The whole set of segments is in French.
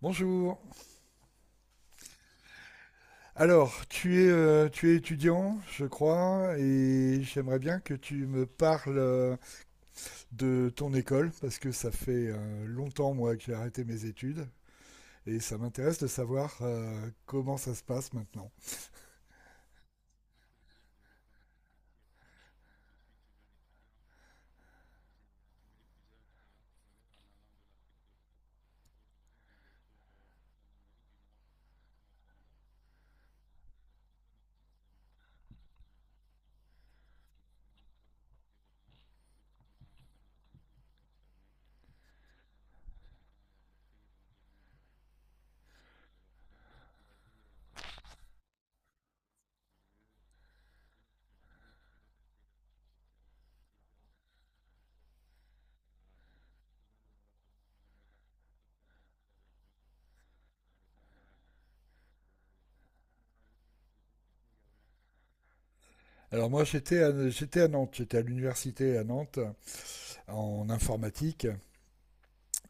Bonjour. Alors, tu es étudiant, je crois, et j'aimerais bien que tu me parles de ton école, parce que ça fait longtemps, moi, que j'ai arrêté mes études, et ça m'intéresse de savoir comment ça se passe maintenant. Alors, moi, j'étais à Nantes, j'étais à l'université à Nantes, en informatique,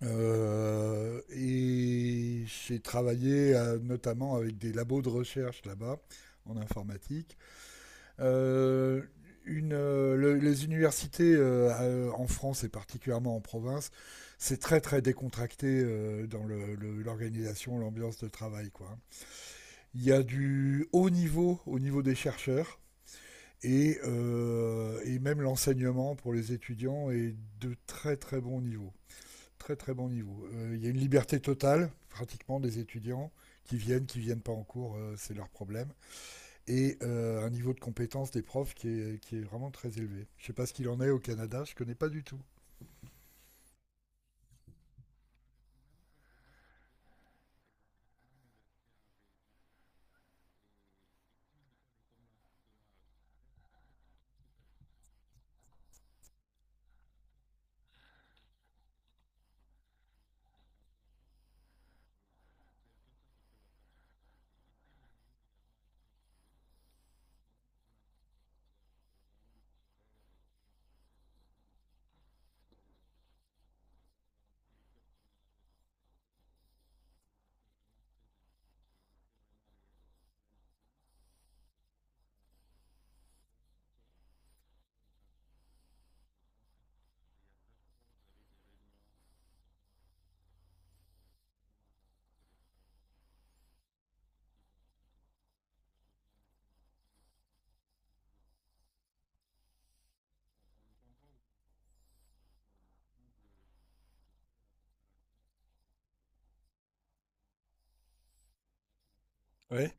et j'ai travaillé notamment avec des labos de recherche là-bas, en informatique. Euh, les universités en France et particulièrement en province, c'est très très décontracté dans l'organisation, l'ambiance de travail, quoi. Il y a du haut niveau au niveau des chercheurs et et même l'enseignement pour les étudiants est de très très bon niveau. Très très bon niveau. Il y a une liberté totale pratiquement des étudiants qui viennent pas en cours, c'est leur problème et un niveau de compétence des profs qui est vraiment très élevé. Je ne sais pas ce qu'il en est au Canada, je ne connais pas du tout. Oui.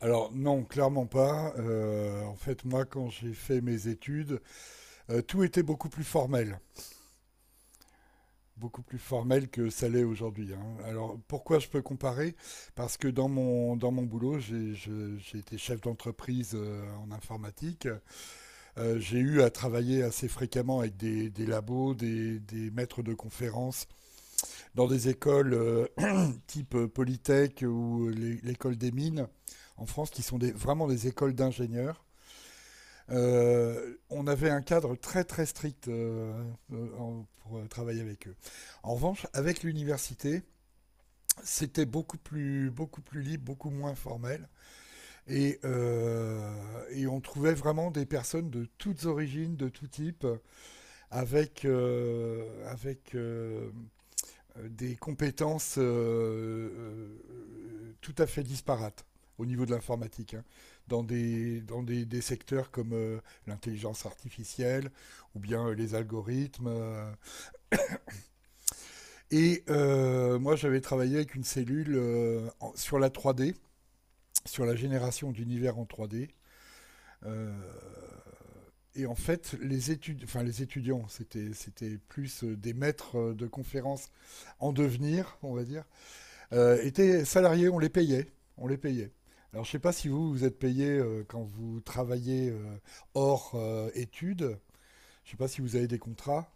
Alors non, clairement pas. En fait, moi, quand j'ai fait mes études, euh, tout était beaucoup plus formel, beaucoup plus formel que ça l'est aujourd'hui, hein. Alors pourquoi je peux comparer? Parce que dans mon boulot, j'ai été chef d'entreprise en informatique. J'ai eu à travailler assez fréquemment avec des labos, des maîtres de conférences dans des écoles type Polytech ou l'école des mines en France, qui sont vraiment des écoles d'ingénieurs. On avait un cadre très très strict pour travailler avec eux. En revanche, avec l'université, c'était beaucoup plus libre, beaucoup moins formel. Et on trouvait vraiment des personnes de toutes origines, de tout type, avec des compétences tout à fait disparates au niveau de l'informatique, hein, dans des secteurs comme l'intelligence artificielle ou bien les algorithmes. Et moi, j'avais travaillé avec une cellule sur la 3D, sur la génération d'univers en 3D. Euh, et en fait, les étudiants, c'était plus des maîtres de conférences en devenir, on va dire, étaient salariés, on les payait. On les payait. Alors je sais pas si vous, vous êtes payé quand vous travaillez hors études. Je sais pas si vous avez des contrats.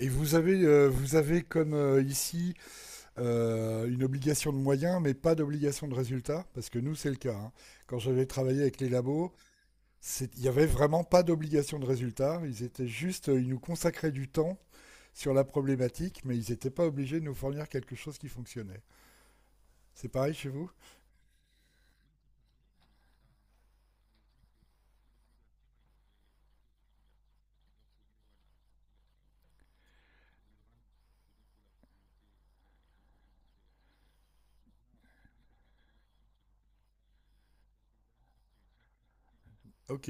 Et vous avez comme ici une obligation de moyens, mais pas d'obligation de résultat, parce que nous c'est le cas, hein. Quand j'avais travaillé avec les labos, c'est- il n'y avait vraiment pas d'obligation de résultat. Ils étaient juste, ils nous consacraient du temps sur la problématique, mais ils n'étaient pas obligés de nous fournir quelque chose qui fonctionnait. C'est pareil chez vous? Ok.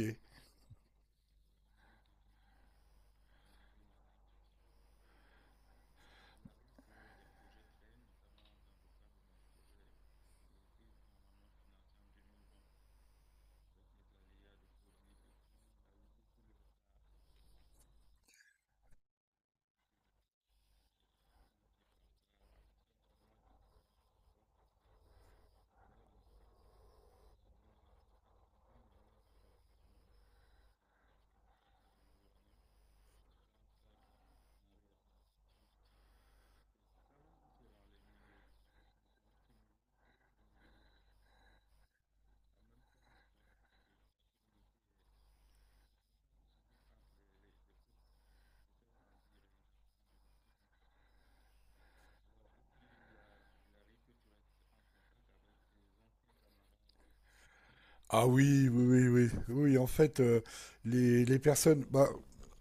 Ah oui, oui, oui, oui. Oui, en fait, les personnes bah,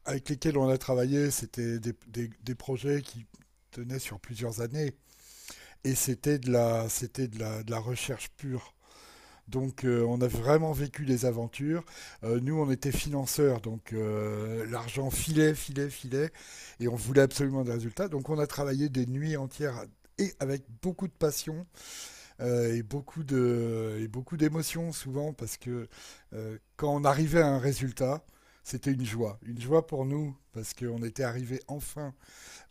avec lesquelles on a travaillé, c'était des projets qui tenaient sur plusieurs années. Et c'était de de la recherche pure. Donc, on a vraiment vécu les aventures. Nous, on était financeurs, donc l'argent filait, et on voulait absolument des résultats. Donc, on a travaillé des nuits entières et avec beaucoup de passion et beaucoup d'émotions souvent parce que quand on arrivait à un résultat, c'était une joie pour nous parce qu'on était arrivé enfin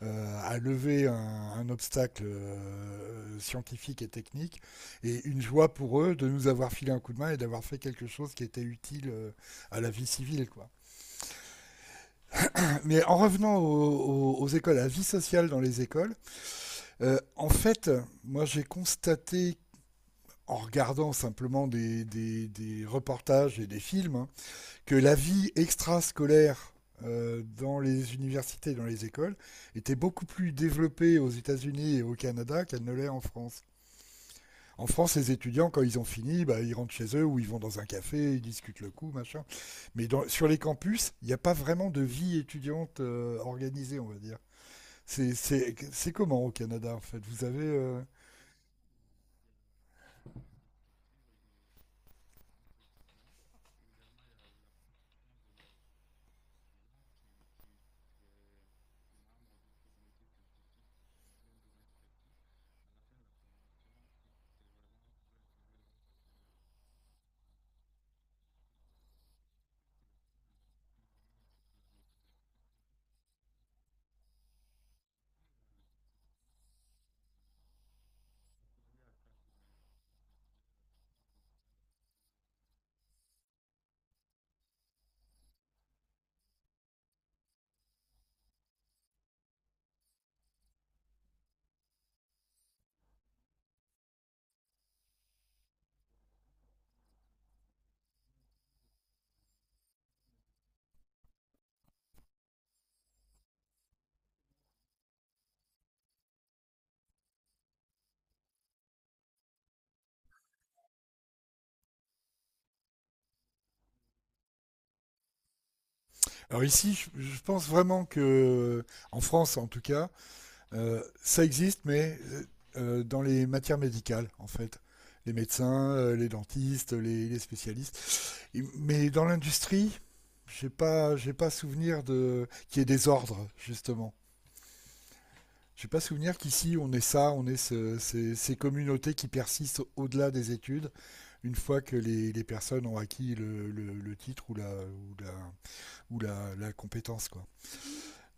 à lever un obstacle scientifique et technique, et une joie pour eux de nous avoir filé un coup de main et d'avoir fait quelque chose qui était utile à la vie civile, quoi. Mais en revenant aux écoles, à la vie sociale dans les écoles, euh, en fait, moi j'ai constaté en regardant simplement des reportages et des films, hein, que la vie extrascolaire dans les universités, dans les écoles, était beaucoup plus développée aux États-Unis et au Canada qu'elle ne l'est en France. En France, les étudiants, quand ils ont fini, bah, ils rentrent chez eux ou ils vont dans un café, ils discutent le coup, machin. Mais dans, sur les campus, il n'y a pas vraiment de vie étudiante organisée, on va dire. C'est comment au Canada, en fait? Vous avez. Alors ici, pense vraiment que, en France en tout cas, ça existe, mais dans les matières médicales, en fait. Les médecins, les dentistes, les spécialistes. Et- mais dans l'industrie, j'ai pas souvenir de qu'il y ait des ordres, justement. J'ai pas souvenir qu'ici on ait ça, on ait ces communautés qui persistent au-delà des études, une fois que les personnes ont acquis le titre ou la compétence, quoi.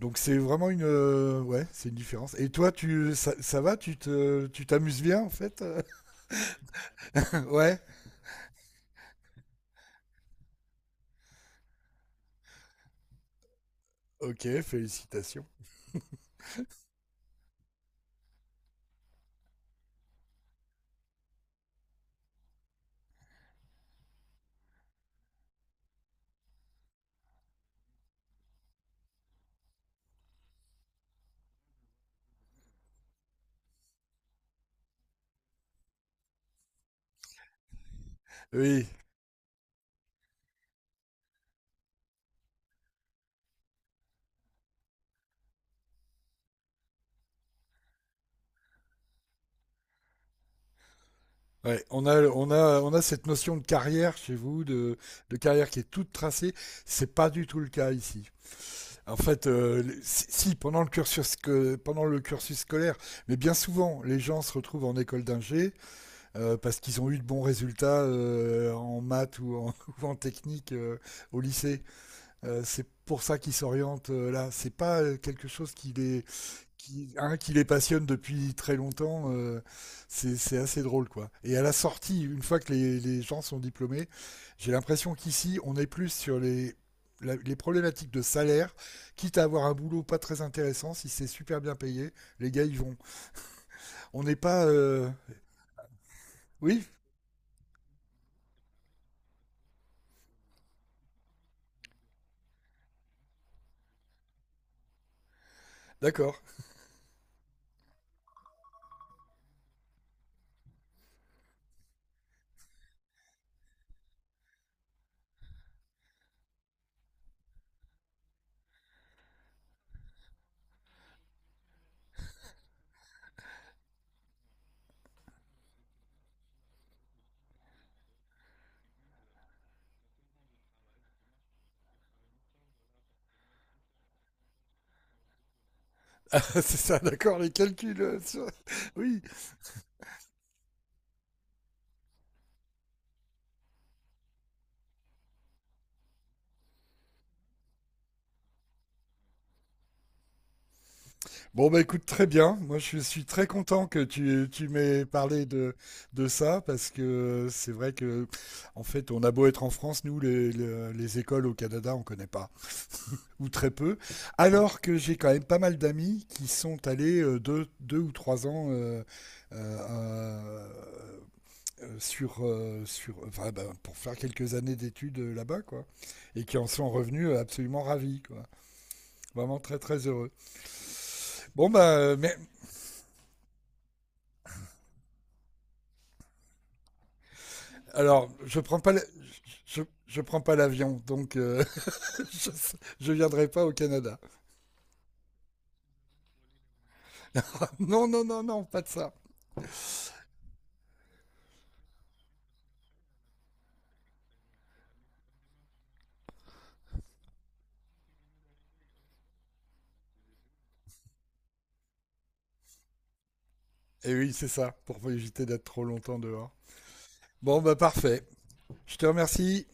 Donc c'est vraiment une, ouais, c'est une différence. Et toi, ça va, tu t'amuses bien en fait. Ouais. Ok, félicitations. Oui. Ouais, on a cette notion de carrière chez vous, de carrière qui est toute tracée. C'est pas du tout le cas ici. En fait, si, si, pendant pendant le cursus scolaire, mais bien souvent, les gens se retrouvent en école d'ingé parce qu'ils ont eu de bons résultats en maths ou en, ou en technique au lycée. C'est pour ça qu'il s'oriente là. C'est pas quelque chose qui les, qui, hein, qui les passionne depuis très longtemps. C'est assez drôle, quoi. Et à la sortie, une fois que les gens sont diplômés, j'ai l'impression qu'ici, on est plus sur les problématiques de salaire, quitte à avoir un boulot pas très intéressant, si c'est super bien payé, les gars, ils vont. On n'est pas... Oui, d'accord. C'est ça, d'accord, les calculs. Oui, bon, bah écoute, très bien. Moi, je suis très content que tu m'aies parlé de ça parce que c'est vrai que, en fait, on a beau être en France, nous, les écoles au Canada, on connaît pas, ou très peu. Alors que j'ai quand même pas mal d'amis qui sont allés deux ou trois ans euh, euh, ben, pour faire quelques années d'études là-bas, quoi. Et qui en sont revenus absolument ravis, quoi. Vraiment très, très heureux. Bon, bah, mer- Alors, je, je prends pas l'avion, donc je, je viendrai pas au Canada. Non, non, non, non, pas de ça. Et oui, c'est ça, pour éviter d'être trop longtemps dehors. Bon, bah parfait. Je te remercie.